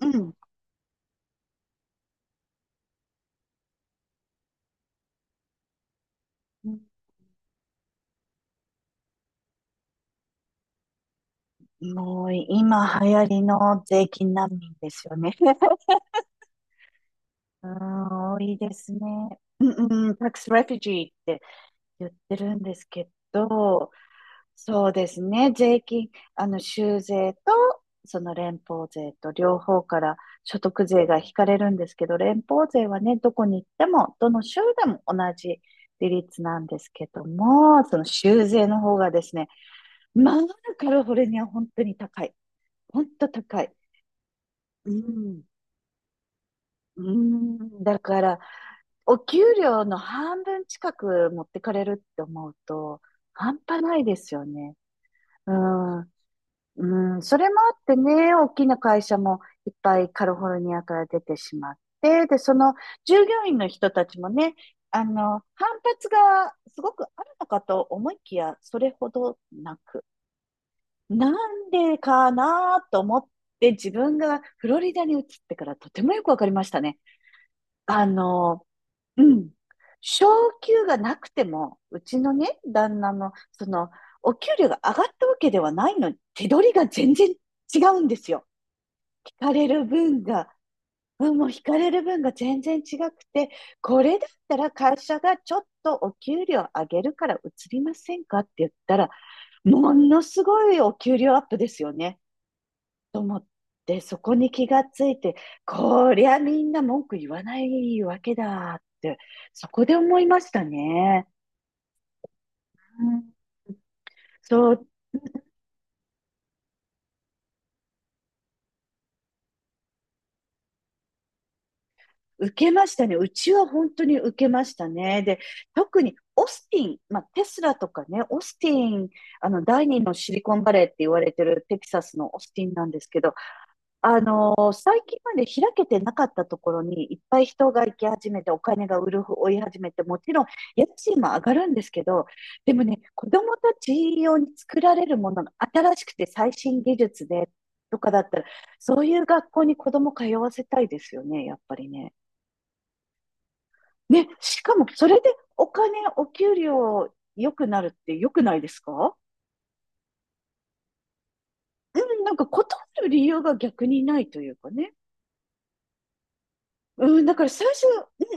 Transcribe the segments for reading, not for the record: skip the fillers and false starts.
うん。もう今流行りの税金難民ですよね。うん、多いですね。うんうん、タックスレフュジーって言ってるんですけど、そうですね、税金、州税と、その連邦税と両方から所得税が引かれるんですけど、連邦税はね、どこに行っても、どの州でも同じ利率なんですけども、その州税の方がですね、まあ、カリフォルニア本当に高い。ほんと高い。うん。うん、だから、お給料の半分近く持ってかれるって思うと、半端ないですよね。うん、うん、それもあってね、大きな会社もいっぱいカリフォルニアから出てしまって、で、その従業員の人たちもね、反発がすごくあるのかと思いきや、それほどなく。なんでかなと思って、自分がフロリダに移ってからとてもよくわかりましたね。あの、うん。昇給がなくても、うちのね、旦那の、お給料が上がったわけではないのに、手取りが全然違うんですよ。引かれる分が、分も引かれる分が全然違くて、これだったら会社がちょっとお給料上げるから移りませんかって言ったら、ものすごいお給料アップですよね。と思って、そこに気がついて、こりゃみんな文句言わないわけだって、そこで思いましたね。うん。そう、受けましたね。うちは本当に受けましたね。で、特にオスティン、まあ、テスラとかね、オスティン、第二のシリコンバレーって言われてるテキサスのオスティンなんですけど、最近まで開けてなかったところにいっぱい人が行き始めて、お金が売る、追い始めて、もちろん家賃も上がるんですけど、でもね、子供たち用に作られるものが新しくて最新技術でとかだったら、そういう学校に子供通わせたいですよね、やっぱりね。ね、しかもそれでお金、お給料良くなるって良くないですか？うん、なんか断る理由が逆にないというかね。うん、だから最初、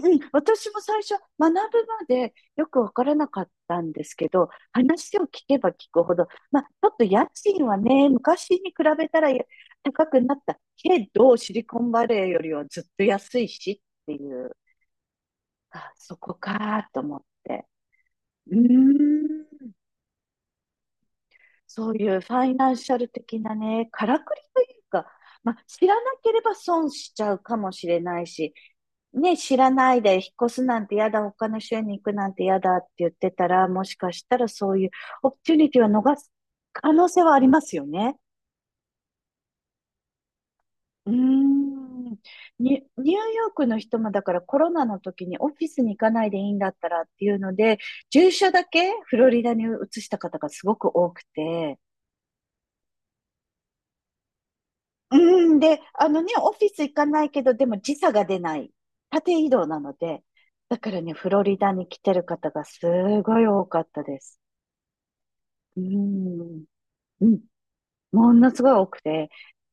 うんうん、私も最初、学ぶまでよくわからなかったんですけど、話を聞けば聞くほど、まあ、ちょっと家賃はね、昔に比べたらや高くなったけど、シリコンバレーよりはずっと安いしっていう、あ、そこかと思って。うーん。そういうファイナンシャル的なね、からくりというか、まあ、知らなければ損しちゃうかもしれないし、ね、知らないで引っ越すなんて嫌だ、他の州に行くなんて嫌だって言ってたら、もしかしたらそういうオプチュニティは逃す可能性はありますよね。うーん。ニューヨークの人もだからコロナの時にオフィスに行かないでいいんだったらっていうので、住所だけフロリダに移した方がすごく多くて、うん、で、あのね、オフィス行かないけど、でも時差が出ない。縦移動なので。だからね、フロリダに来てる方がすごい多かったです。うん、うん、ものすごい多くて。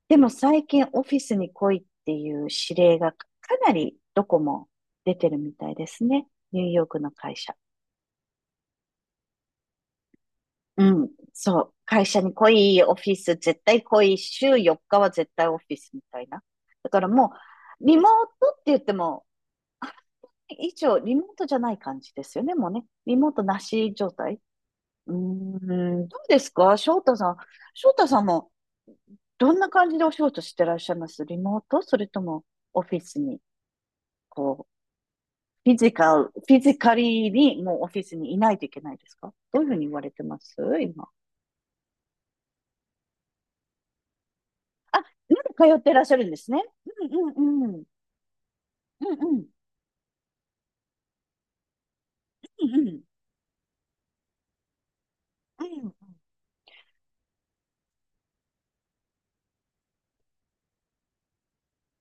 でも最近オフィスに来いっていう指令がかなりどこも出てるみたいですね。ニューヨークの会社。うん、そう。会社に来い、オフィス絶対来い、週4日は絶対オフィスみたいな。だからもう、リモートって言っても以上、リモートじゃない感じですよね、もうね。リモートなし状態。うーん、どうですか、翔太さん。翔太さんも、どんな感じでお仕事してらっしゃいますリモート、それとも、オフィスに、こう、フィジカリーに、もうオフィスにいないといけないですか？どういうふうに言われてます今？あ、まだ通ってらっしゃるんですね。うんうんうん。うんうん。うんうん。うん。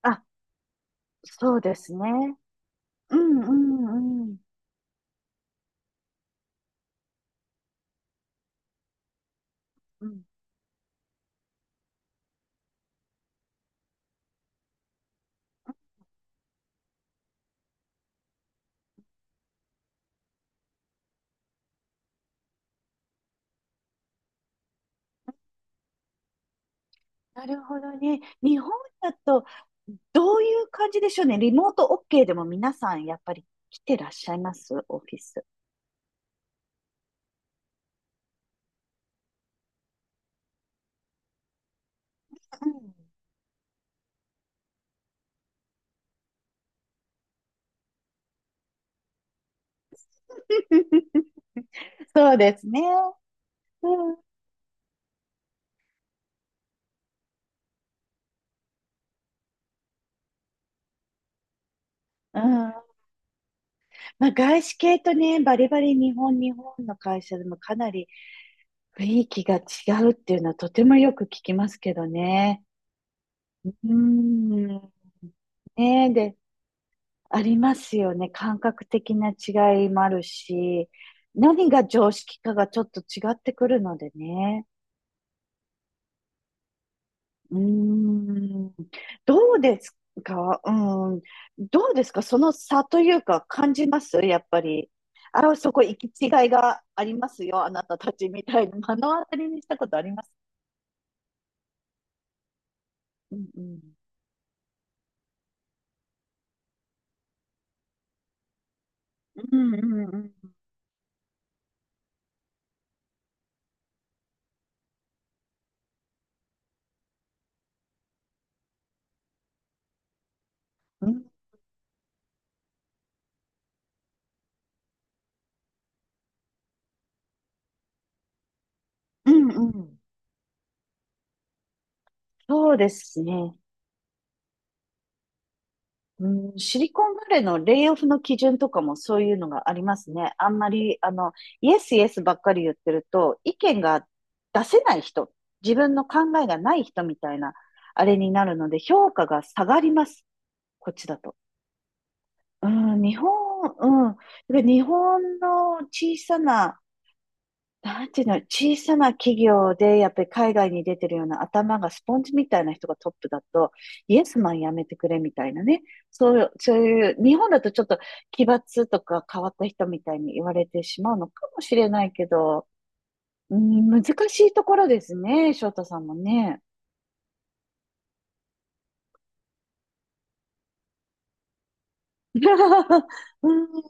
あ、そうですね。うんうんうん。うん。なるほどね。日本だと、どういう感じでしょうね。リモート OK でも皆さんやっぱり来てらっしゃいますオフィス。うん。そうですね。うん。うん。まあ、外資系とね、バリバリ日本の会社でもかなり雰囲気が違うっていうのはとてもよく聞きますけどね。うん。ね、で、ありますよね。感覚的な違いもあるし、何が常識かがちょっと違ってくるのでね。うーん、どうですか、うん、どうですか、その差というか感じますやっぱり？あ、そこ行き違いがありますよ、あなたたちみたいな。目の当たりにしたことあります？うんうん。うんうんうん。うんうんうん。そうですね。うん、シリコンバレーのレイオフの基準とかもそういうのがありますね。あんまり、イエスイエスばっかり言ってると、意見が出せない人、自分の考えがない人みたいな、あれになるので、評価が下がります。こっちだと。うん、日本、うん。だから日本の小さななんていうの、小さな企業で、やっぱり海外に出てるような頭がスポンジみたいな人がトップだと、イエスマンやめてくれみたいなね。そういう、日本だとちょっと奇抜とか変わった人みたいに言われてしまうのかもしれないけど、うん、難しいところですね、翔太さんもね。うん、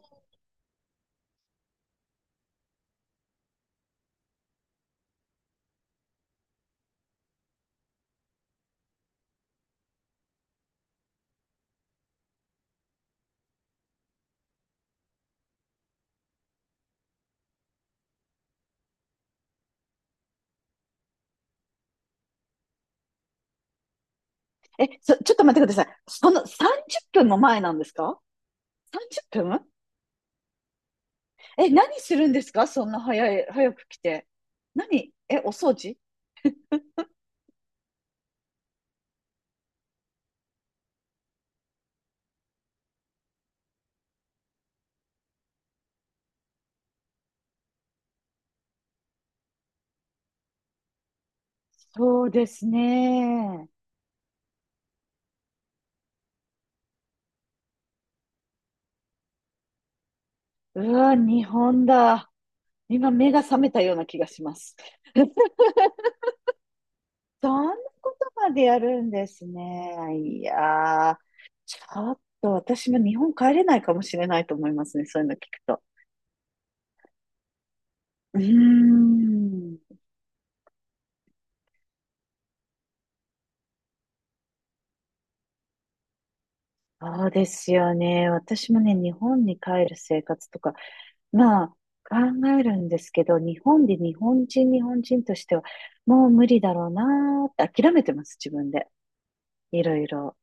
ちょっと待ってください。その30分も前なんですか？ 30 分？え、何するんですかそんな早い、早く来て。え、お掃除？そうですね。うわ、日本だ。今目が覚めたような気がします。そんなことまでやるんですね。いやー、ちょっと私も日本帰れないかもしれないと思いますね。そういうの聞くと。うーん。そうですよね。私もね、日本に帰る生活とか、まあ、考えるんですけど、日本で日本人としては、もう無理だろうなーって諦めてます、自分で。いろいろ。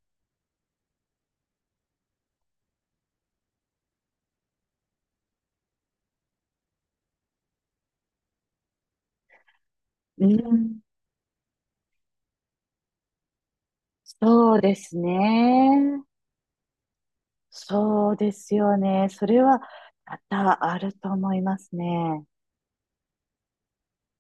うん、そうですね。そうですよね。それは多々あると思いますね。